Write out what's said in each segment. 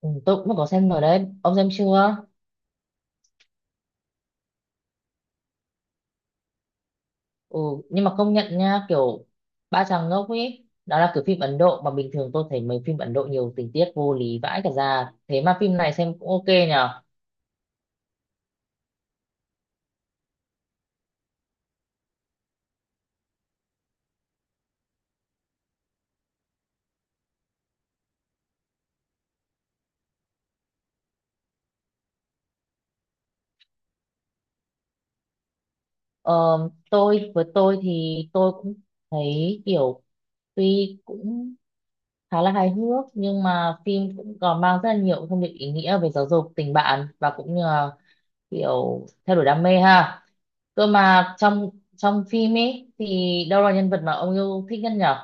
Ừ, tôi cũng có xem rồi đấy, ông xem chưa? ừ nhưng mà công nhận nha, kiểu ba chàng ngốc ấy đó là kiểu phim Ấn Độ mà bình thường tôi thấy mấy phim Ấn Độ nhiều tình tiết vô lý vãi cả ra, thế mà phim này xem cũng ok nhở. ờ, tôi thì tôi cũng thấy kiểu tuy cũng khá là hài hước, nhưng mà phim cũng còn mang rất là nhiều thông điệp ý nghĩa về giáo dục, tình bạn, và cũng như là kiểu theo đuổi đam mê ha. Cơ mà trong trong phim ấy thì đâu là nhân vật mà ông yêu thích nhất nhở?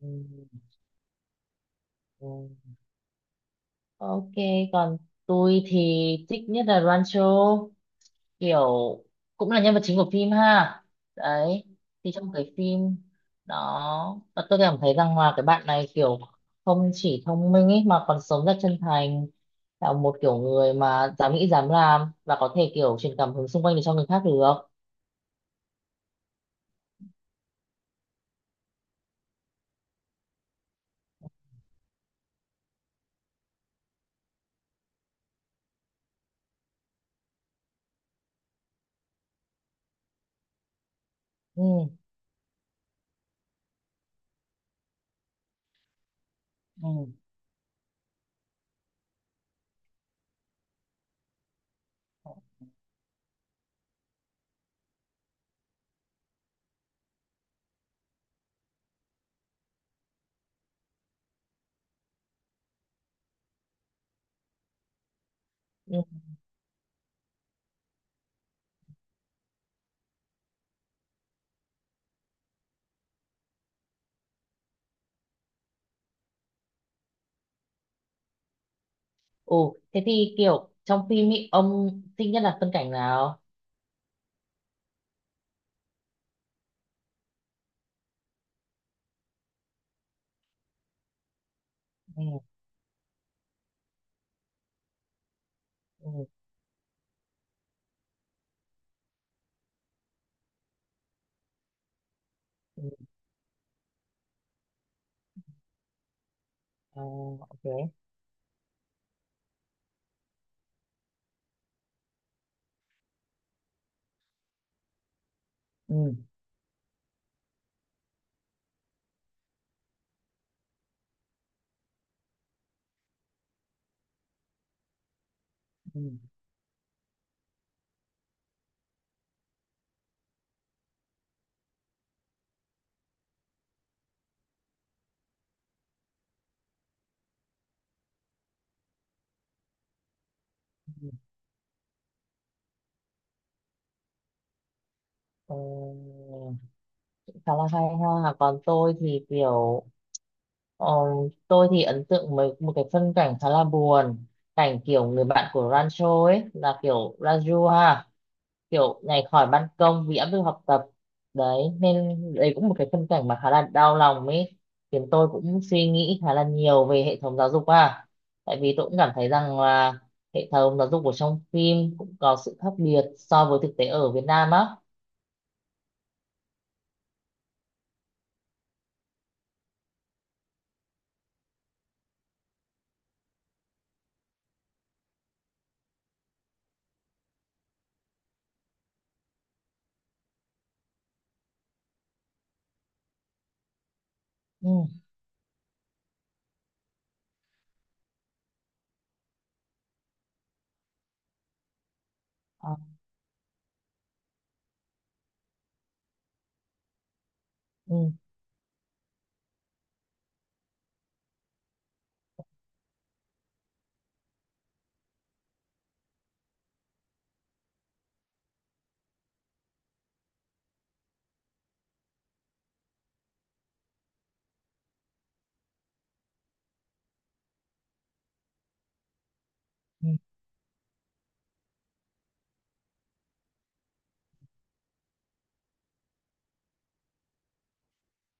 Ừ, ừ. Ok, còn tôi thì thích nhất là Rancho, kiểu cũng là nhân vật chính của phim ha. Đấy, thì trong cái phim đó, và tôi cảm thấy rằng là cái bạn này kiểu không chỉ thông minh ấy, mà còn sống rất chân thành, là một kiểu người mà dám nghĩ dám làm và có thể kiểu truyền cảm hứng xung quanh để cho người khác được. Ừ, ừ, ừ. Ừ, thế thì kiểu trong phim ý, ông thích nhất là phân cảnh nào? Ừ, ừ, ừ. À, ok. Ừ. Ừ. Ờ, khá là hay ha. Còn tôi thì kiểu ờ, tôi thì ấn tượng với một cái phân cảnh khá là buồn, cảnh kiểu người bạn của Rancho ấy là kiểu Raju ha, kiểu nhảy khỏi ban công vì áp lực học tập. Đấy nên đấy cũng một cái phân cảnh mà khá là đau lòng ấy, khiến tôi cũng suy nghĩ khá là nhiều về hệ thống giáo dục à. Tại vì tôi cũng cảm thấy rằng là hệ thống giáo dục của trong phim cũng có sự khác biệt so với thực tế ở Việt Nam á. ừ. Ờ, ừ, ừ.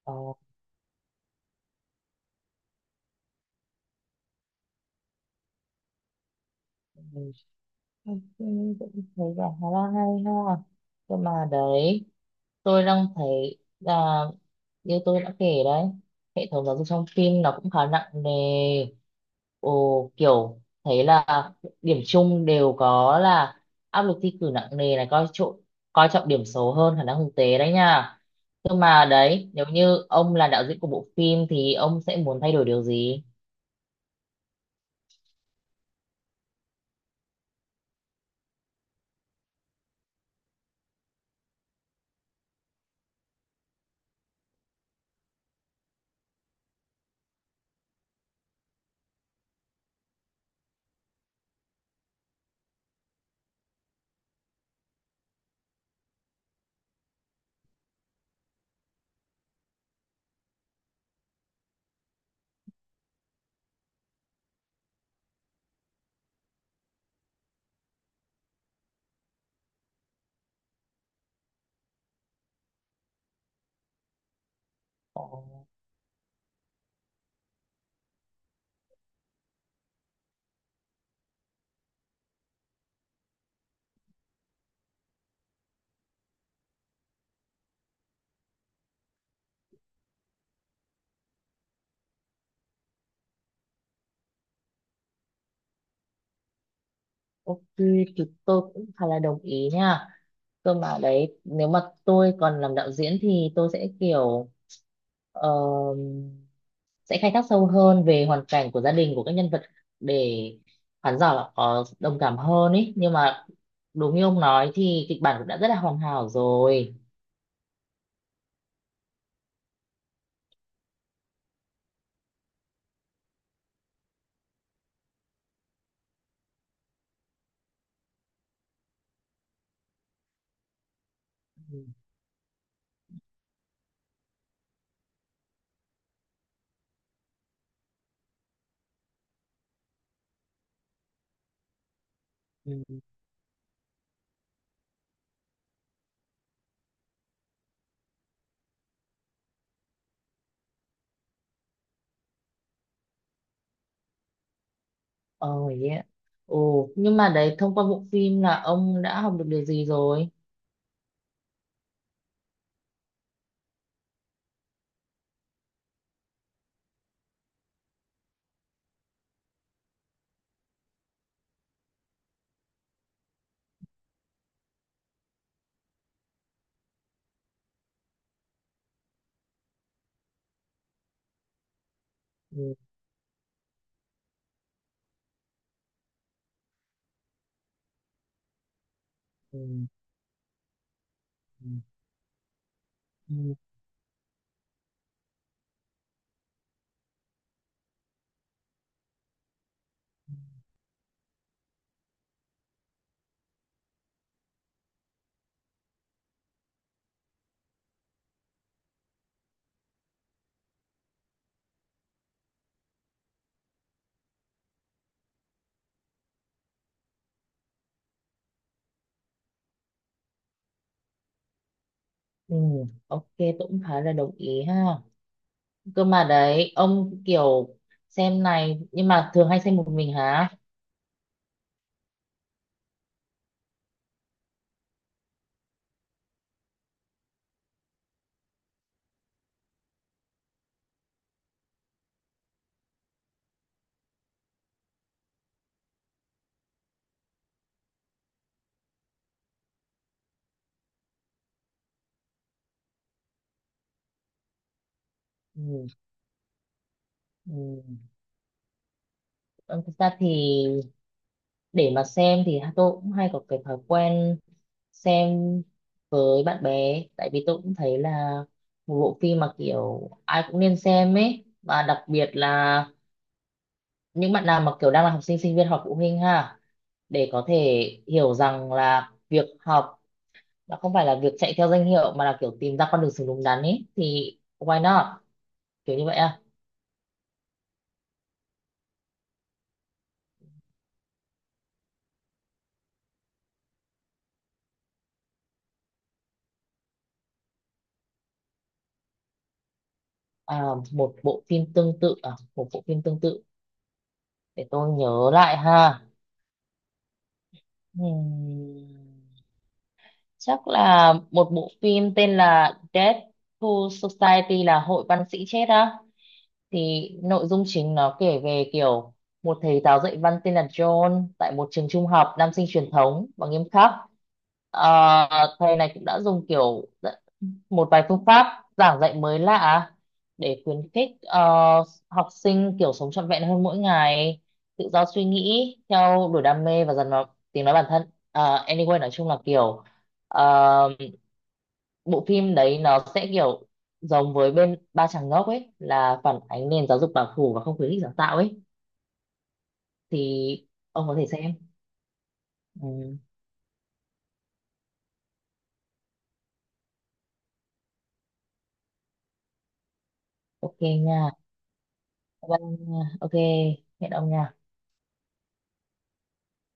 Ờ, mình cũng thấy là khá là hay ha. Nhưng mà đấy, tôi đang thấy là như tôi đã kể đấy, hệ thống giáo dục trong phim nó cũng khá nặng nề. Ồ, kiểu thấy là điểm chung đều có là áp lực thi cử nặng nề này, coi trọng điểm số hơn khả năng thực tế đấy nha. Nhưng mà đấy, nếu như ông là đạo diễn của bộ phim thì ông sẽ muốn thay đổi điều gì? Ồ. Ok thì tôi cũng khá là đồng ý nha. Cơ mà đấy nếu mà tôi còn làm đạo diễn thì tôi sẽ kiểu ờ, sẽ khai thác sâu hơn về hoàn cảnh của gia đình của các nhân vật, để khán giả là có đồng cảm hơn ý. Nhưng mà đúng như ông nói thì kịch bản cũng đã rất là hoàn hảo rồi. Ừ. Ừ. Ờ, yeah. Ồ, nhưng mà đấy thông qua bộ phim là ông đã học được điều gì rồi? Ừ. Ừ. Ừ. Ừ. Ừ, ok, tôi cũng thấy là đồng ý ha. Cơ mà đấy ông kiểu xem này, nhưng mà thường hay xem một mình hả? Ừ, ừ. Ông thực ra thì để mà xem thì tôi cũng hay có cái thói quen xem với bạn bè, tại vì tôi cũng thấy là một bộ phim mà kiểu ai cũng nên xem ấy, và đặc biệt là những bạn nào mà kiểu đang là học sinh sinh viên hoặc phụ huynh ha, để có thể hiểu rằng là việc học nó không phải là việc chạy theo danh hiệu, mà là kiểu tìm ra con đường sống đúng đắn ấy thì why not, kiểu như vậy à. à Một bộ phim tương tự à? Một bộ phim tương tự, để tôi nhớ lại ha. Ừm, Chắc là một bộ phim tên là Death to Society, là hội văn sĩ chết á, thì nội dung chính nó kể về kiểu một thầy giáo dạy văn tên là John tại một trường trung học nam sinh truyền thống và nghiêm khắc. Ờ, thầy này cũng đã dùng kiểu một vài phương pháp giảng dạy mới lạ để khuyến khích học sinh kiểu sống trọn vẹn hơn mỗi ngày, tự do suy nghĩ, theo đuổi đam mê và dần vào tiếng nói bản thân. Ờ, anyway, nói chung là kiểu ờ, bộ phim đấy nó sẽ kiểu giống với bên Ba Chàng Ngốc ấy, là phản ánh nền giáo dục bảo thủ và không khuyến khích sáng tạo ấy, thì ông có thể xem. Ừ, ok nha. Vâng, ok, hẹn ông nha.